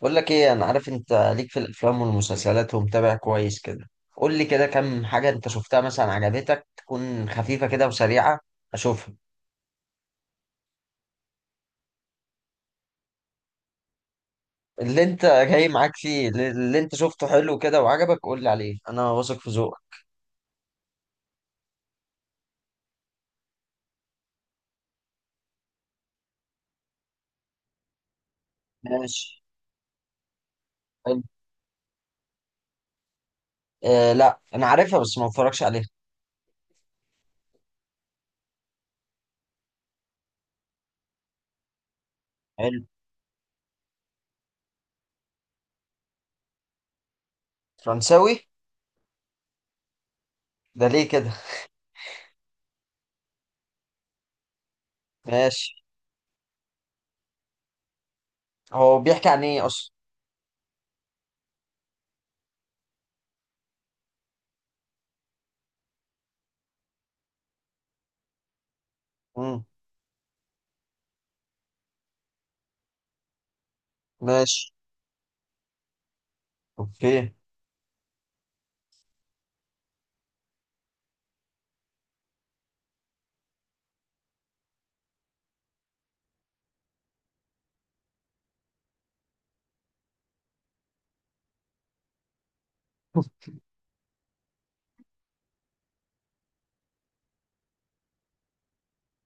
بقول لك ايه انا عارف انت ليك في الافلام والمسلسلات ومتابع كويس كده. قول لي كده كم حاجه انت شفتها مثلا عجبتك تكون خفيفه كده وسريعه اشوفها. اللي انت جاي معاك فيه اللي انت شفته حلو كده وعجبك قول لي عليه، انا واثق في ذوقك. ماشي. حلو. آه، لا انا عارفها بس ما بتفرجش عليها. حلو. فرنساوي. ده ليه كده؟ ماشي. هو بيحكي عن ايه اصلا؟ امم. ماشي. اوكي.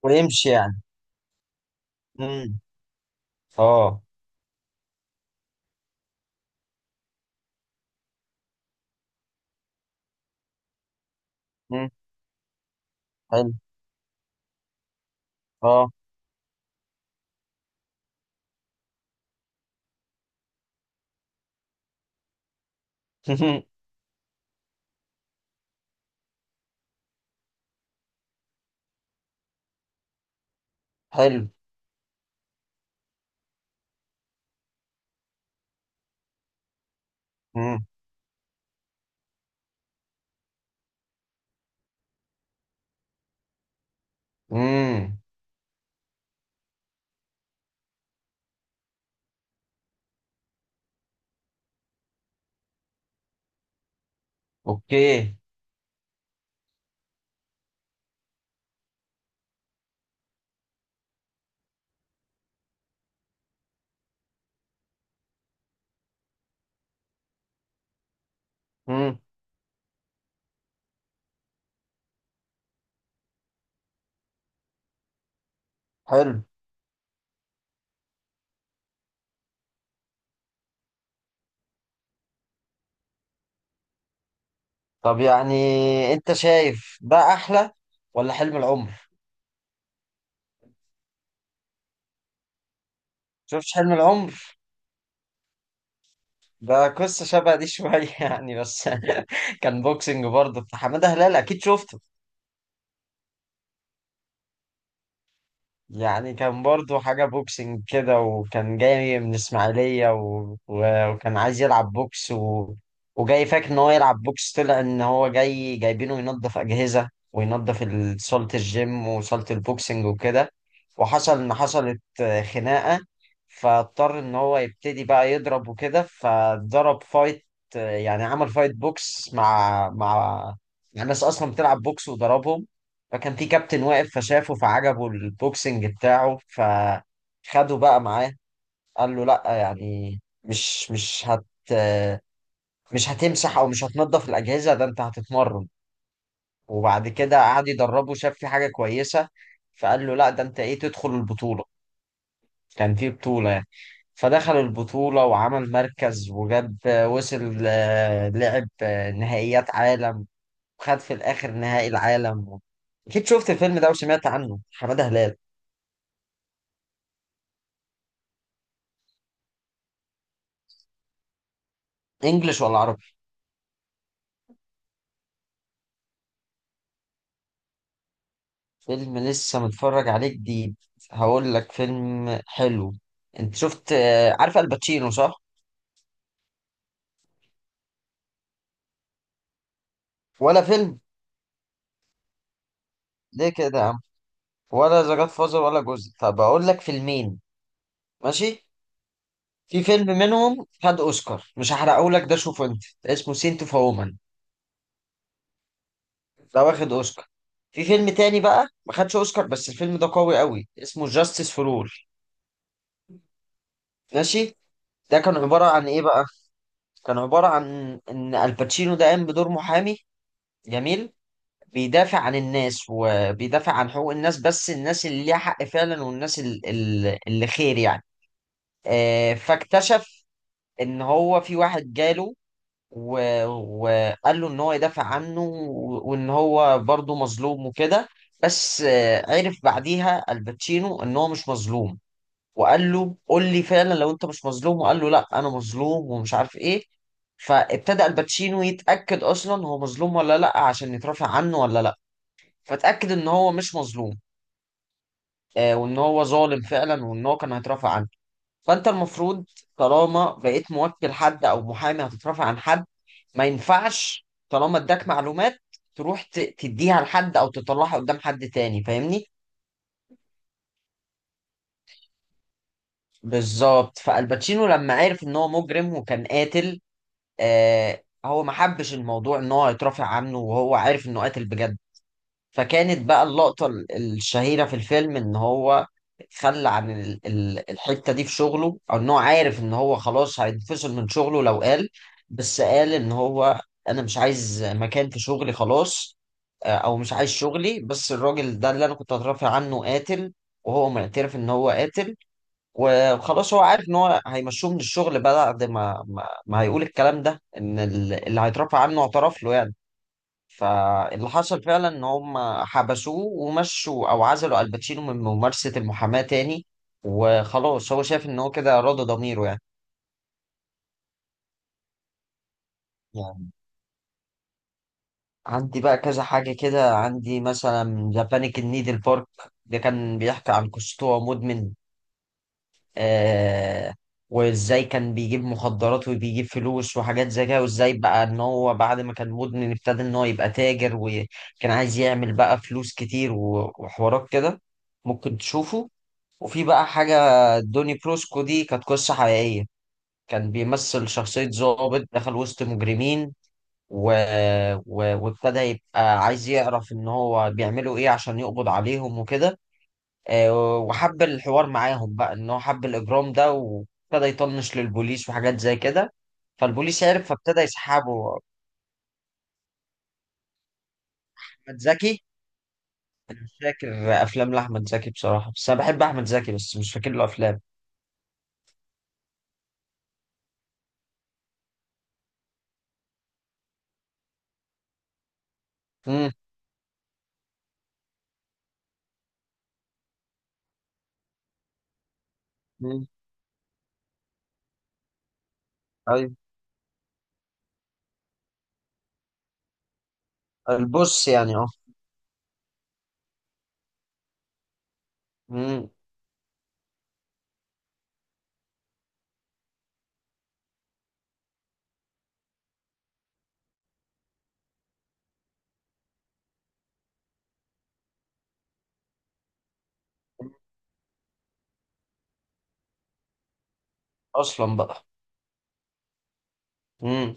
ويمشي يعني. امم. اه. امم. حلو. اه. حلو. امم. امم. اوكي. امم. حلو. طب يعني انت شايف ده احلى ولا حلم العمر؟ شفتش حلم العمر؟ ده قصة شبه دي شوية يعني بس. كان بوكسنج برضه بتاع حمادة هلال، اكيد شفته. يعني كان برضو حاجة بوكسنج كده، وكان جاي من إسماعيلية وكان عايز يلعب بوكس وجاي فاكر إن هو يلعب بوكس، طلع إن هو جاي جايبينه ينظف أجهزة وينظف صالة الجيم وصالة البوكسنج وكده. وحصل إن حصلت خناقة. فاضطر إن هو يبتدي بقى يضرب وكده فضرب فايت. يعني عمل فايت بوكس مع ناس أصلا بتلعب بوكس وضربهم. فكان في كابتن واقف فشافه فعجبه البوكسنج بتاعه فخده بقى معاه. قال له لا يعني مش هتمسح او مش هتنضف الاجهزه، ده انت هتتمرن. وبعد كده قعد يدربه، شاف في حاجه كويسه. فقال له لا ده انت ايه، تدخل البطوله. كان في بطوله يعني. فدخل البطوله وعمل مركز وجاب، وصل لعب نهائيات عالم. وخد في الاخر نهائي العالم. اكيد شفت الفيلم ده وسمعت عنه، حماده هلال. انجلش ولا عربي؟ فيلم لسه متفرج عليه جديد. هقول لك فيلم حلو. انت شفت عارف الباتشينو صح؟ ولا فيلم. ليه كده يا عم؟ ولا ذا جاد فازر ولا جزء، طب اقول لك فيلمين. ماشي. في فيلم منهم خد اوسكار، مش هحرقه لك، ده شوفه انت، اسمه سينت اوف وومن. ده واخد اوسكار. في فيلم تاني بقى ما خدش اوسكار، بس الفيلم ده قوي قوي، اسمه جاستس فور اول. ماشي. ده كان عبارة عن ايه بقى؟ كان عبارة عن ان الباتشينو ده قام بدور محامي. جميل. بيدافع عن الناس وبيدافع عن حقوق الناس، بس الناس اللي ليها حق فعلا، والناس اللي خير يعني. فاكتشف ان هو في واحد جاله، وقال له ان هو يدافع عنه، وان هو برضه مظلوم وكده. بس عرف بعديها الباتشينو ان هو مش مظلوم. وقال له قول لي فعلا لو انت مش مظلوم، وقال له لا انا مظلوم ومش عارف ايه. فابتدأ الباتشينو يتأكد اصلا هو مظلوم ولا لا عشان يترافع عنه ولا لا. فاتأكد ان هو مش مظلوم. وان هو ظالم فعلا، وان هو كان هيترافع عنه. فانت المفروض طالما بقيت موكل حد او محامي هتترافع عن حد، ما ينفعش طالما اداك معلومات تروح تديها لحد او تطلعها قدام حد تاني، فاهمني. بالظبط. فالباتشينو لما عرف ان هو مجرم وكان قاتل، هو ما حبش الموضوع ان هو هيترافع عنه وهو عارف انه قاتل بجد. فكانت بقى اللقطة الشهيرة في الفيلم، إن هو خلى عن الحتة دي في شغله، أو إن هو عارف إن هو خلاص هينفصل من شغله لو قال. بس قال إن هو: أنا مش عايز مكان في شغلي خلاص. أو مش عايز شغلي، بس الراجل ده اللي أنا كنت أترافع عنه قاتل. وهو معترف إن هو قاتل. وخلاص هو عارف إن هو هيمشوه من الشغل بعد ما هيقول الكلام ده، إن اللي هيترافع عنه اعترف له يعني. فاللي حصل فعلا ان هم حبسوه ومشوا، او عزلوا الباتشينو من ممارسة المحاماة تاني. وخلاص هو شايف ان هو كده راضى ضميره يعني. يعني عندي بقى كذا حاجة كده، عندي مثلا ذا بانيك ان نيدل بارك. ده كان بيحكي عن قصته وهو مدمن. آه. وازاي كان بيجيب مخدرات وبيجيب فلوس وحاجات زي كده، وازاي بقى ان هو بعد ما كان مدمن ابتدى ان هو يبقى تاجر، وكان عايز يعمل بقى فلوس كتير وحوارات كده. ممكن تشوفه. وفي بقى حاجة، دوني بروسكو، دي كانت قصة حقيقية. كان بيمثل شخصية ضابط دخل وسط مجرمين و... وابتدى يبقى عايز يعرف ان هو بيعملوا ايه عشان يقبض عليهم وكده. وحب الحوار معاهم، بقى ان هو حب الاجرام ده، وابتدى يطنش للبوليس وحاجات زي كده. فالبوليس عرف، فابتدى يسحبه. احمد زكي. مش فاكر. افلام لاحمد زكي بصراحة، بس انا بحب احمد زكي، بس مش فاكر له افلام. امم. ايوه. البص يعني اه. مم. اصلا بقى. امم.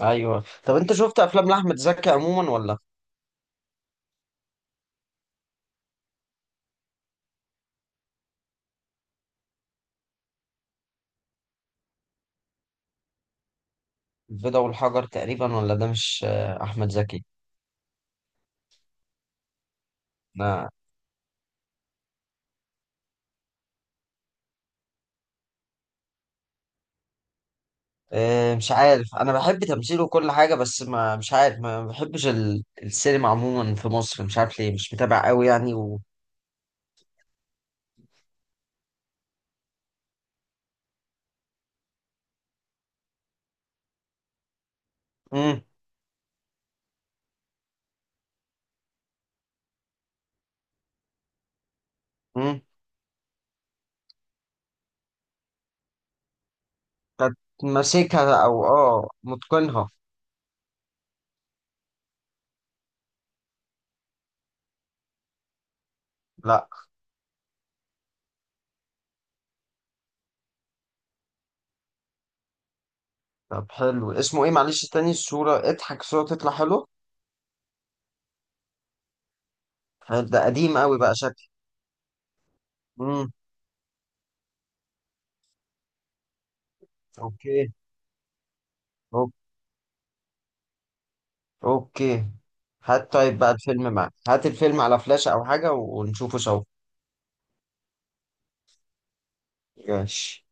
ايوه، طب انت شفت افلام لاحمد زكي عموما ولا؟ البيضة والحجر تقريبا، ولا ده مش احمد زكي؟ لا. مش عارف، انا بحب تمثيله كل حاجه، بس ما مش عارف، ما بحبش السينما عموما في مصر، مش عارف ليه، مش متابع قوي يعني و. امم. امم. كانت ماسكها او متقنها. لا. طب حلو، اسمه ايه معلش تاني، الصوره اضحك صوره تطلع حلو. ده قديم قوي بقى شكل. امم. اوكي. اوكي. هات طيب بقى الفيلم معاك، هات الفيلم على فلاشة او حاجة ونشوفه سوا. ماشي.